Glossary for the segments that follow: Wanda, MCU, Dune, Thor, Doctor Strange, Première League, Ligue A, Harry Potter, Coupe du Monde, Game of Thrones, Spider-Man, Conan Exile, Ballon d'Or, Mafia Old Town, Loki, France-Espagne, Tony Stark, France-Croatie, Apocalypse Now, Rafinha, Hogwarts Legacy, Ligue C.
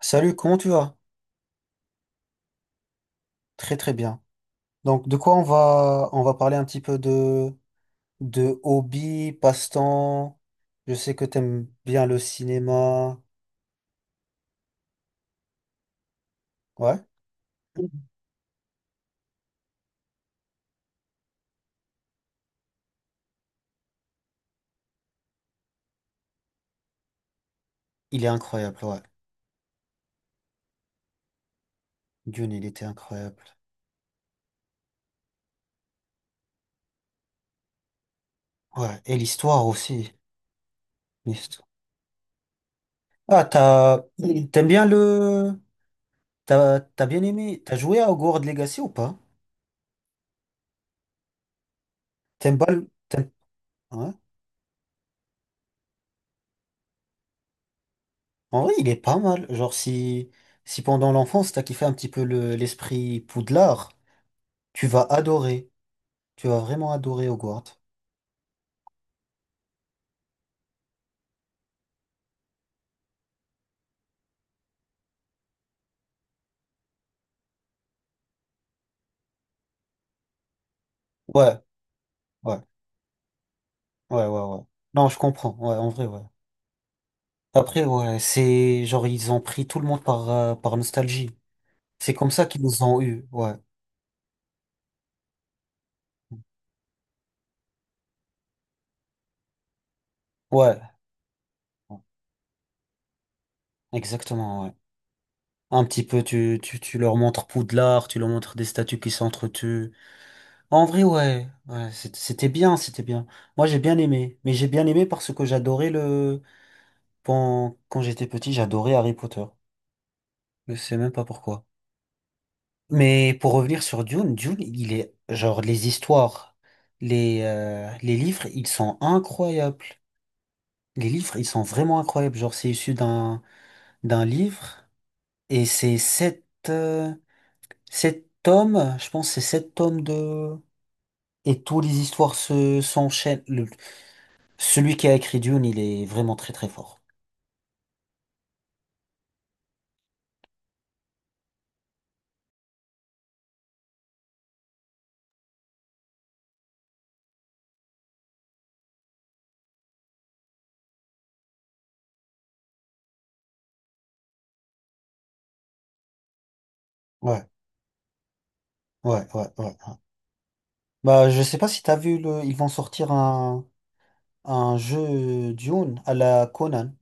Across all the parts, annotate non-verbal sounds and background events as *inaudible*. Salut, comment tu vas? Très très bien. Donc de quoi on va parler un petit peu de hobby, passe-temps. Je sais que t'aimes bien le cinéma. Ouais, il est incroyable, ouais. Dune, il était incroyable. Ouais, et l'histoire aussi. L'histo- Ah, t'as T'aimes bien le t'as bien aimé. T'as joué à Hogwarts Legacy ou pas? T'aimes pas le t'aimes- Ouais. En vrai, il est pas mal. Genre si pendant l'enfance t'as kiffé un petit peu le l'esprit Poudlard, tu vas adorer. Tu vas vraiment adorer Hogwarts. Ouais, ouais, ouais, ouais, ouais. Non, je comprends. Ouais, en vrai, ouais. Après, ouais, c'est genre ils ont pris tout le monde par, par nostalgie. C'est comme ça qu'ils nous ont eu. Ouais, ouais, exactement, ouais. Un petit peu, tu leur montres Poudlard, tu leur montres des statues qui s'entretuent. En vrai, ouais, ouais, c'était bien, c'était bien. Moi, j'ai bien aimé. Mais j'ai bien aimé parce que j'adorais le, quand, j'étais petit, j'adorais Harry Potter. Je sais même pas pourquoi. Mais pour revenir sur Dune, Dune, il est genre les histoires, les livres, ils sont incroyables. Les livres, ils sont vraiment incroyables. Genre, c'est issu d'un livre et c'est sept, sept tomes, je pense, que c'est sept tomes de. Et toutes les histoires se s'enchaînent. Celui qui a écrit Dune, il est vraiment très très fort. Ouais, ouais, ouais, ouais, ouais. Bah, je sais pas si t'as vu le. Ils vont sortir un jeu Dune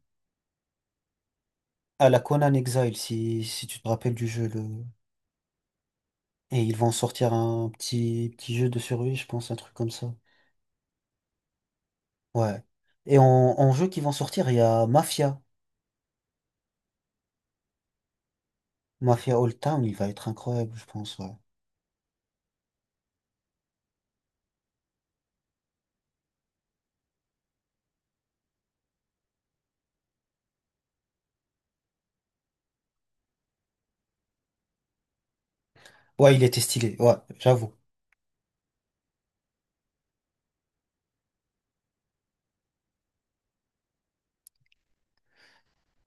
à la Conan Exile, si, tu te rappelles du jeu. Le... Et ils vont sortir un petit, petit jeu de survie, je pense, un truc comme ça. Ouais. Et en, jeu qui vont sortir, il y a Mafia. Mafia Old Town, il va être incroyable, je pense. Ouais, ouais il était stylé, ouais, j'avoue.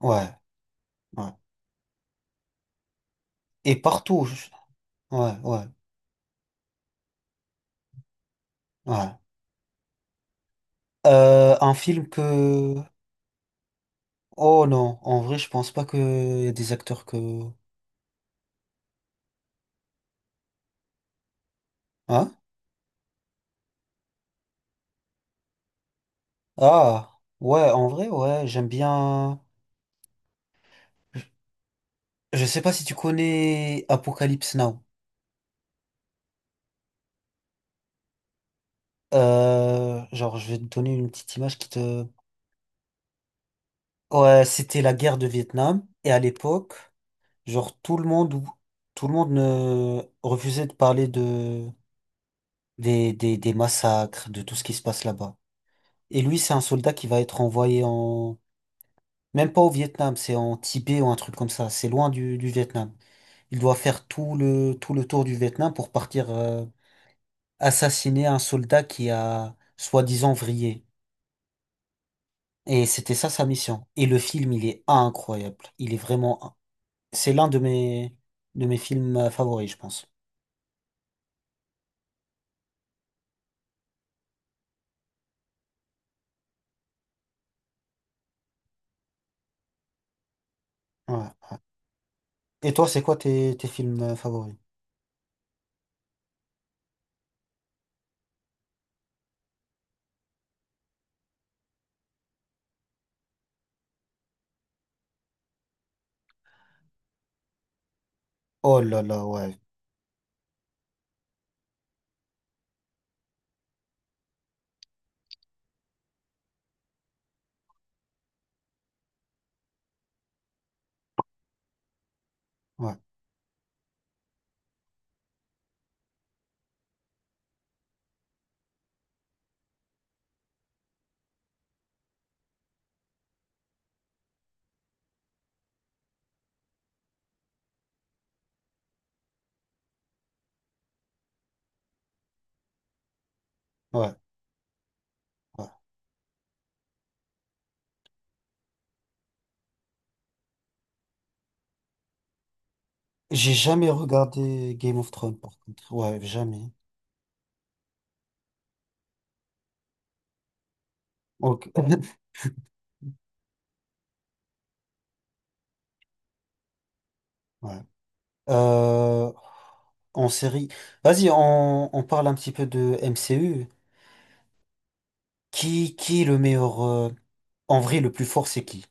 Ouais, ouais. Et partout, je- ouais, ouais, ouais. Un film que... Oh non, en vrai, je pense pas qu'il y a des acteurs que... Hein? Ah, ouais, en vrai, ouais, j'aime bien. Je sais pas si tu connais Apocalypse Now. Genre, je vais te donner une petite image qui te. Ouais, c'était la guerre de Vietnam. Et à l'époque, genre, tout le monde, tout le monde ne refusait de parler de des massacres, de tout ce qui se passe là-bas. Et lui, c'est un soldat qui va être envoyé en. Même pas au Vietnam, c'est en Tibet ou un truc comme ça. C'est loin du, Vietnam. Il doit faire tout le, tour du Vietnam pour partir. Assassiner un soldat qui a soi-disant vrillé. Et c'était ça sa mission. Et le film, il est incroyable. Il est vraiment... C'est l'un de mes films favoris, je pense. Ouais. Et toi, c'est quoi tes, tes films favoris? Oh là là, ouais. Ouais, ouais, ouais. J'ai jamais regardé Game of Thrones, par contre. Ouais, jamais. Ok. *laughs* Ouais. Euh, En série. Vas-y, on, parle un petit peu de MCU. Qui est le meilleur... En vrai, le plus fort, c'est qui?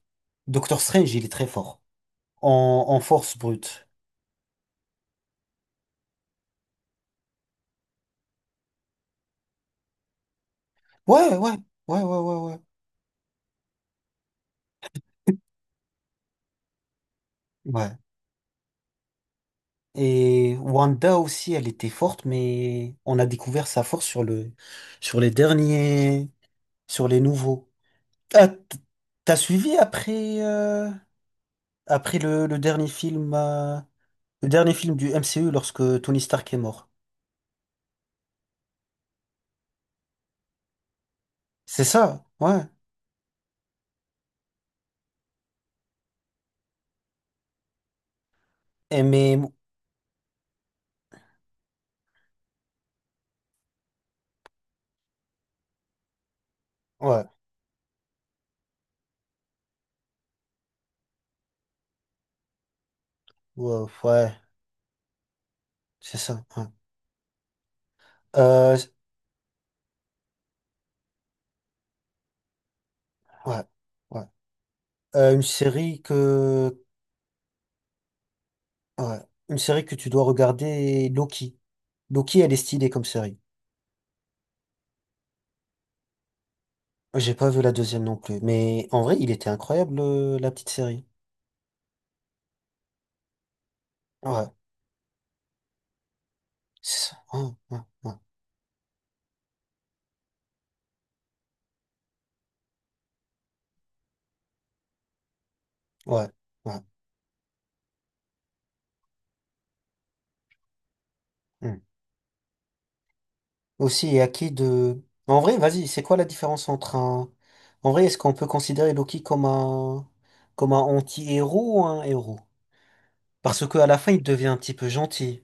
Doctor Strange, il est très fort. En, force brute. Ouais, ouais, ouais, ouais, ouais, ouais. Ouais. Et Wanda aussi, elle était forte, mais on a découvert sa force sur le, sur les derniers, sur les nouveaux. Ah, t- T'as suivi après, après le, dernier film, le dernier film du MCU lorsque Tony Stark est mort. C'est ça, ouais. Et mais, ouais, ouais, ouais, c'est ça. Ouais. Euh, ouais, ouais. Une série que ouais. Une série que tu dois regarder, Loki. Loki, elle est stylée comme série. J'ai pas vu la deuxième non plus, mais en vrai, il était incroyable, la petite série. Ouais, c'est ça. Ouais, ouais, ouais, ouais, ouais. Hmm. Aussi, et à qui de... En vrai, vas-y, c'est quoi la différence entre un... En vrai, est-ce qu'on peut considérer Loki comme un anti-héros ou un héros? Parce qu'à la fin, il devient un petit peu gentil.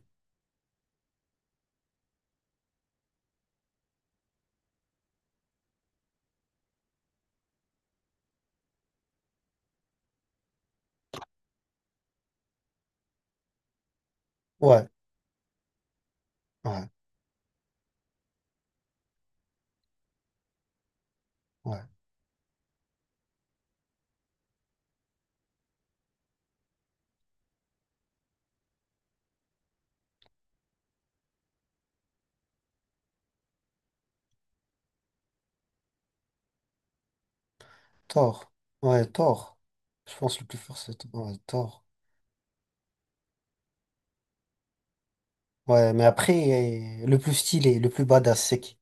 Ouais, ouais, ouais. Thor. Ouais, Thor. Je pense le plus fort, c'est ouais, Thor. Ouais, mais après, le plus stylé, le plus badass, c'est qui?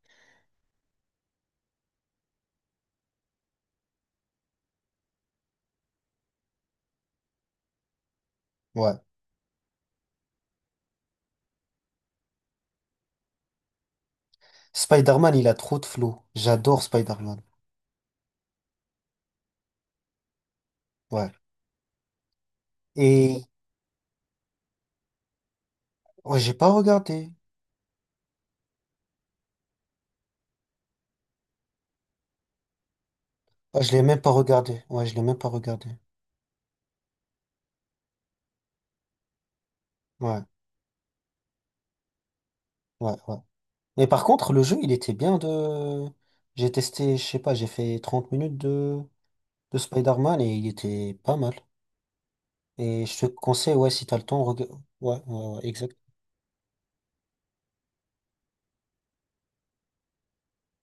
Ouais. Spider-Man, il a trop de flow. J'adore Spider-Man. Ouais. Et ouais, j'ai pas regardé. Ouais, je l'ai même pas regardé. Ouais, je l'ai même pas regardé. Ouais, ouais, ouais. Mais par contre, le jeu, il était bien de... J'ai testé, je sais pas, j'ai fait 30 minutes de Spider-Man et il était pas mal. Et je te conseille, ouais, si t'as le temps, ouais, ouais, ouais, exactement.